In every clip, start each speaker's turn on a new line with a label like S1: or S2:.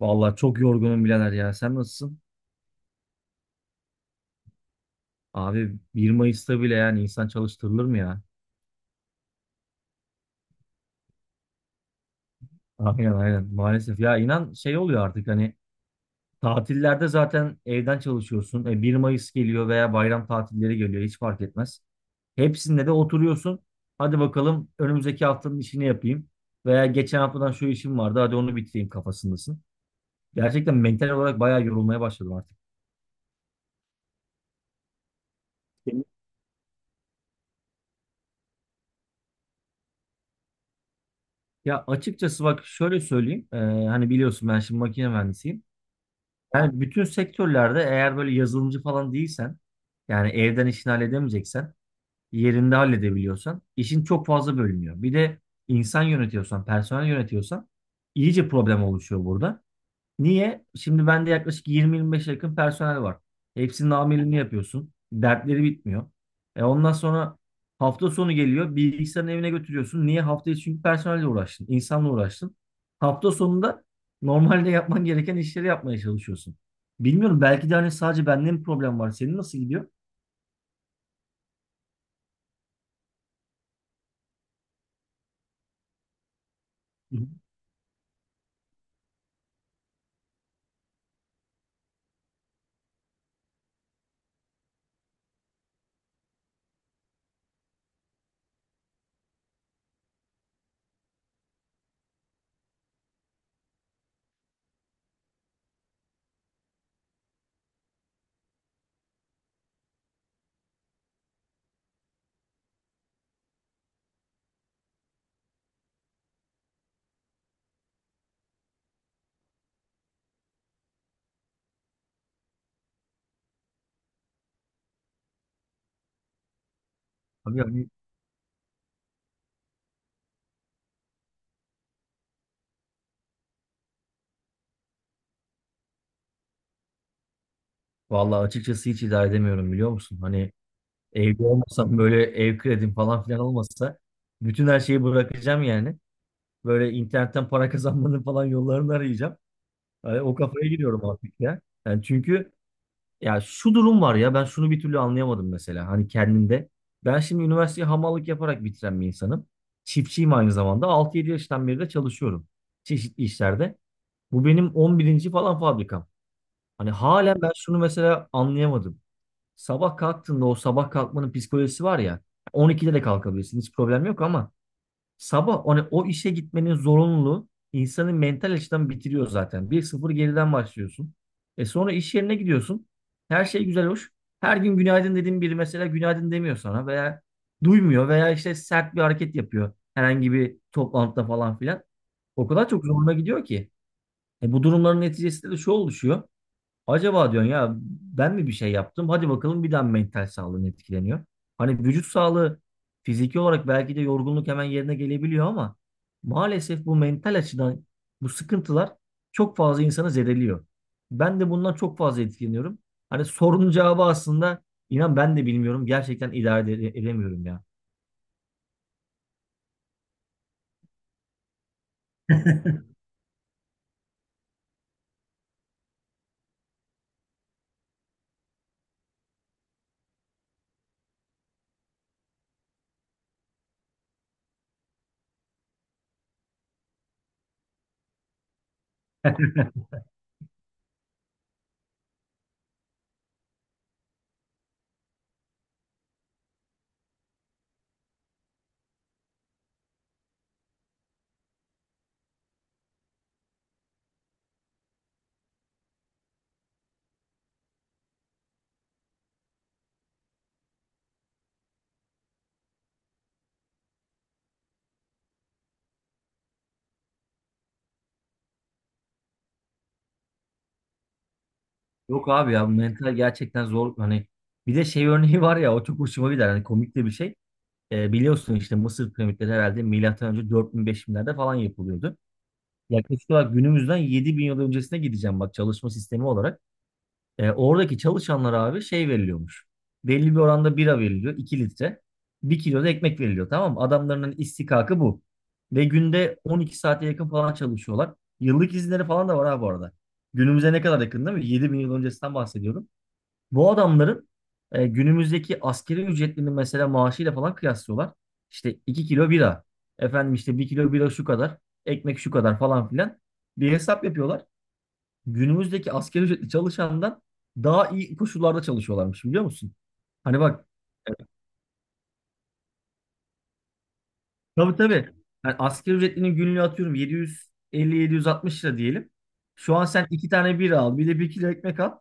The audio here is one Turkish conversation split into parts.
S1: Vallahi çok yorgunum birader ya. Sen nasılsın? Abi 1 Mayıs'ta bile yani insan çalıştırılır mı ya? Aynen aynen maalesef. Ya inan şey oluyor artık hani tatillerde zaten evden çalışıyorsun. E, 1 Mayıs geliyor veya bayram tatilleri geliyor hiç fark etmez. Hepsinde de oturuyorsun. Hadi bakalım önümüzdeki haftanın işini yapayım. Veya geçen haftadan şu işim vardı hadi onu bitireyim kafasındasın. Gerçekten mental olarak bayağı yorulmaya başladım artık. Ya açıkçası bak şöyle söyleyeyim. Hani biliyorsun ben şimdi makine mühendisiyim. Yani bütün sektörlerde eğer böyle yazılımcı falan değilsen, yani evden işini halledemeyeceksen, yerinde halledebiliyorsan, işin çok fazla bölünüyor. Bir de insan yönetiyorsan, personel yönetiyorsan iyice problem oluşuyor burada. Niye? Şimdi bende yaklaşık 20-25'e yakın personel var. Hepsinin amirliğini yapıyorsun. Dertleri bitmiyor. E ondan sonra hafta sonu geliyor. Bilgisayarın evine götürüyorsun. Niye? Hafta içi çünkü personelle uğraştın. İnsanla uğraştın. Hafta sonunda normalde yapman gereken işleri yapmaya çalışıyorsun. Bilmiyorum belki de hani sadece bende mi problem var? Senin nasıl gidiyor? Hı hı. Abi hani vallahi açıkçası hiç idare edemiyorum biliyor musun? Hani evde olmasam böyle ev kredim falan filan olmasa bütün her şeyi bırakacağım yani. Böyle internetten para kazanmanın falan yollarını arayacağım. Hani o kafaya giriyorum artık ya. Yani çünkü ya şu durum var ya ben şunu bir türlü anlayamadım mesela hani kendimde. Ben şimdi üniversiteyi hamallık yaparak bitiren bir insanım. Çiftçiyim aynı zamanda. 6-7 yaştan beri de çalışıyorum çeşitli işlerde. Bu benim 11. falan fabrikam. Hani halen ben şunu mesela anlayamadım. Sabah kalktığında o sabah kalkmanın psikolojisi var ya. 12'de de kalkabilirsin hiç problem yok ama sabah o işe gitmenin zorunluluğu insanı mental açıdan bitiriyor zaten. Bir sıfır geriden başlıyorsun. E sonra iş yerine gidiyorsun. Her şey güzel hoş. Her gün günaydın dediğin biri mesela günaydın demiyor sana veya duymuyor veya işte sert bir hareket yapıyor herhangi bir toplantıda falan filan. O kadar çok zoruna gidiyor ki. E bu durumların neticesinde de şu oluşuyor. Acaba diyorsun ya ben mi bir şey yaptım? Hadi bakalım bir daha mental sağlığın etkileniyor. Hani vücut sağlığı fiziki olarak belki de yorgunluk hemen yerine gelebiliyor ama maalesef bu mental açıdan bu sıkıntılar çok fazla insanı zedeliyor. Ben de bundan çok fazla etkileniyorum. Hani sorunun cevabı aslında inan ben de bilmiyorum. Gerçekten idare edemiyorum ya. Yok abi ya bu mental gerçekten zor. Hani bir de şey örneği var ya o çok hoşuma gider. Hani komik de bir şey. E, biliyorsun işte Mısır piramitleri herhalde milattan önce 4000-5000'lerde falan yapılıyordu. Yaklaşık olarak günümüzden 7000 yıl öncesine gideceğim bak çalışma sistemi olarak. E, oradaki çalışanlara abi şey veriliyormuş. Belli bir oranda bira veriliyor 2 litre. Bir kilo da ekmek veriliyor tamam mı? Adamların istikakı bu. Ve günde 12 saate yakın falan çalışıyorlar. Yıllık izinleri falan da var ha bu arada. Günümüze ne kadar yakın değil mi? 7000 yıl öncesinden bahsediyorum. Bu adamların günümüzdeki askeri ücretlerini mesela maaşıyla falan kıyaslıyorlar. İşte 2 kilo bira. Efendim işte 1 kilo bira şu kadar. Ekmek şu kadar falan filan. Bir hesap yapıyorlar. Günümüzdeki askeri ücretli çalışandan daha iyi koşullarda çalışıyorlarmış biliyor musun? Hani bak tabii tabii. Yani asgari ücretlinin günlüğü atıyorum 750-760 lira diyelim. Şu an sen 2 tane bira al bir de 1 kilo ekmek al.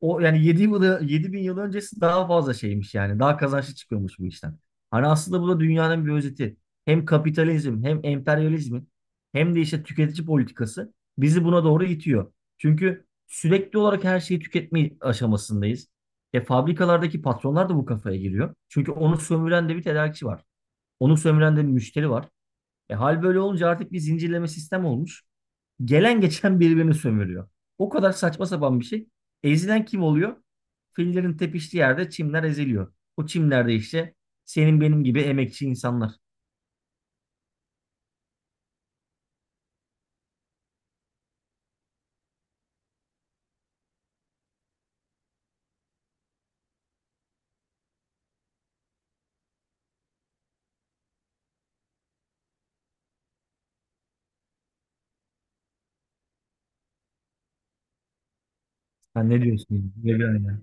S1: O yani 7 yılı 7000 yıl öncesi daha fazla şeymiş yani. Daha kazançlı çıkıyormuş bu işten. Hani aslında bu da dünyanın bir özeti. Hem kapitalizm hem emperyalizmin hem de işte tüketici politikası bizi buna doğru itiyor. Çünkü sürekli olarak her şeyi tüketme aşamasındayız. E fabrikalardaki patronlar da bu kafaya giriyor. Çünkü onu sömüren de bir tedarikçi var. Onu sömüren de bir müşteri var. E hal böyle olunca artık bir zincirleme sistem olmuş. Gelen geçen birbirini sömürüyor. O kadar saçma sapan bir şey. Ezilen kim oluyor? Fillerin tepiştiği yerde çimler eziliyor. O çimlerde işte senin benim gibi emekçi insanlar. Sen ne diyorsun? Ne diyorsun ya?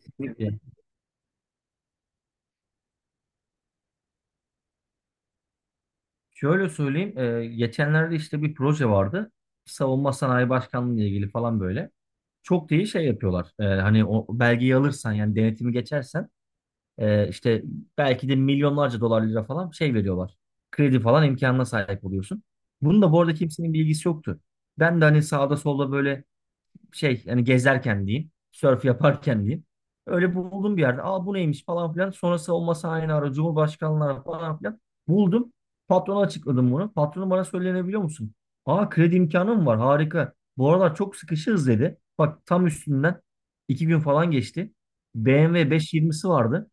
S1: Kesinlikle. Şöyle söyleyeyim. Geçenlerde işte bir proje vardı. Savunma Sanayi Başkanlığı ile ilgili falan böyle. Çok da iyi şey yapıyorlar. E, hani o belgeyi alırsan yani denetimi geçersen işte belki de milyonlarca dolar lira falan şey veriyorlar. Kredi falan imkanına sahip oluyorsun. Bunun da bu arada kimsenin bilgisi yoktu. Ben de hani sağda solda böyle şey hani gezerken diyeyim, sörf yaparken diyeyim. Öyle buldum bir yerde. Aa bu neymiş falan filan. Sonrası olmasa aynı ara Cumhurbaşkanlığı falan filan. Buldum. Patrona açıkladım bunu. Patronum bana söylenebiliyor musun? Aa kredi imkanı mı var? Harika. Bu aralar çok sıkışığız dedi. Bak tam üstünden 2 gün falan geçti. BMW 520'si vardı.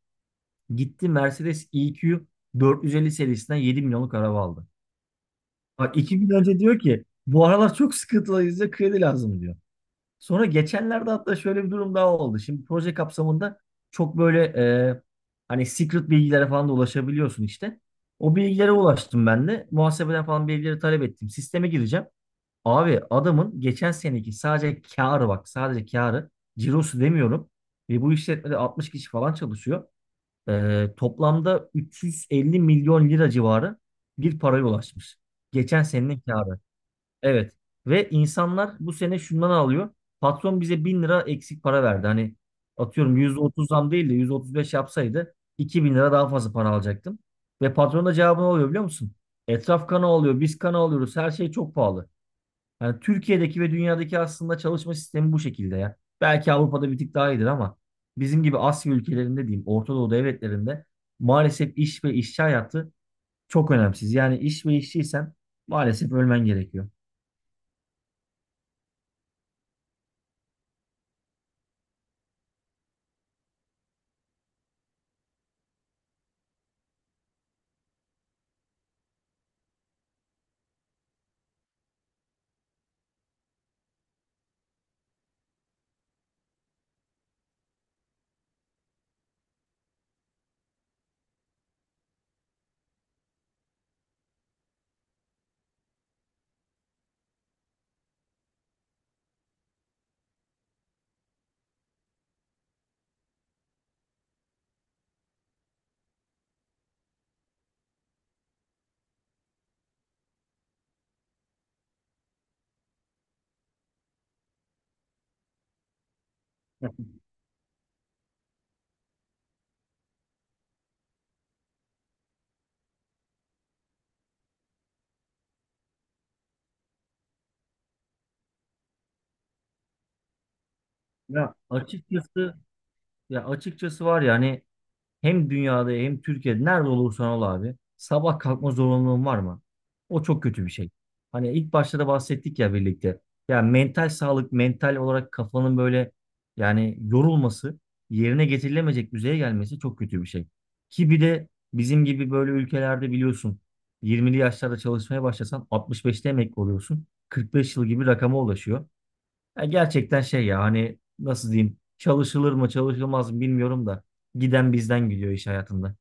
S1: Gitti Mercedes EQ 450 serisinden 7 milyonluk araba aldı. Bak 2 gün önce diyor ki bu aralar çok sıkıntılıyız da kredi lazım diyor. Sonra geçenlerde hatta şöyle bir durum daha oldu. Şimdi proje kapsamında çok böyle e, hani secret bilgilere falan da ulaşabiliyorsun işte. O bilgilere ulaştım ben de. Muhasebeden falan bilgileri talep ettim. Sisteme gireceğim. Abi adamın geçen seneki sadece kârı bak sadece kârı cirosu demiyorum. Ve bu işletmede 60 kişi falan çalışıyor. Toplamda 350 milyon lira civarı bir paraya ulaşmış. Geçen senenin kârı. Evet. Ve insanlar bu sene şundan alıyor. Patron bize 1000 lira eksik para verdi. Hani atıyorum %30 zam değil de %35 yapsaydı 2000 lira daha fazla para alacaktım. Ve patron da cevabını alıyor biliyor musun? Etraf kana alıyor, biz kana alıyoruz, her şey çok pahalı. Yani Türkiye'deki ve dünyadaki aslında çalışma sistemi bu şekilde ya. Belki Avrupa'da bir tık daha iyidir ama bizim gibi Asya ülkelerinde diyeyim, Orta Doğu devletlerinde maalesef iş ve işçi hayatı çok önemsiz. Yani iş ve işçiysen maalesef ölmen gerekiyor. Ya Açıkçası ya açıkçası var ya hani hem dünyada hem Türkiye'de nerede olursan ol abi. Sabah kalkma zorunluluğun var mı? O çok kötü bir şey. Hani ilk başta da bahsettik ya birlikte. Ya mental sağlık, mental olarak kafanın böyle yani yorulması, yerine getirilemeyecek düzeye gelmesi çok kötü bir şey. Ki bir de bizim gibi böyle ülkelerde biliyorsun 20'li yaşlarda çalışmaya başlasan 65'te emekli oluyorsun. 45 yıl gibi rakama ulaşıyor. Ya gerçekten şey ya hani nasıl diyeyim çalışılır mı çalışılmaz mı bilmiyorum da giden bizden gidiyor iş hayatında.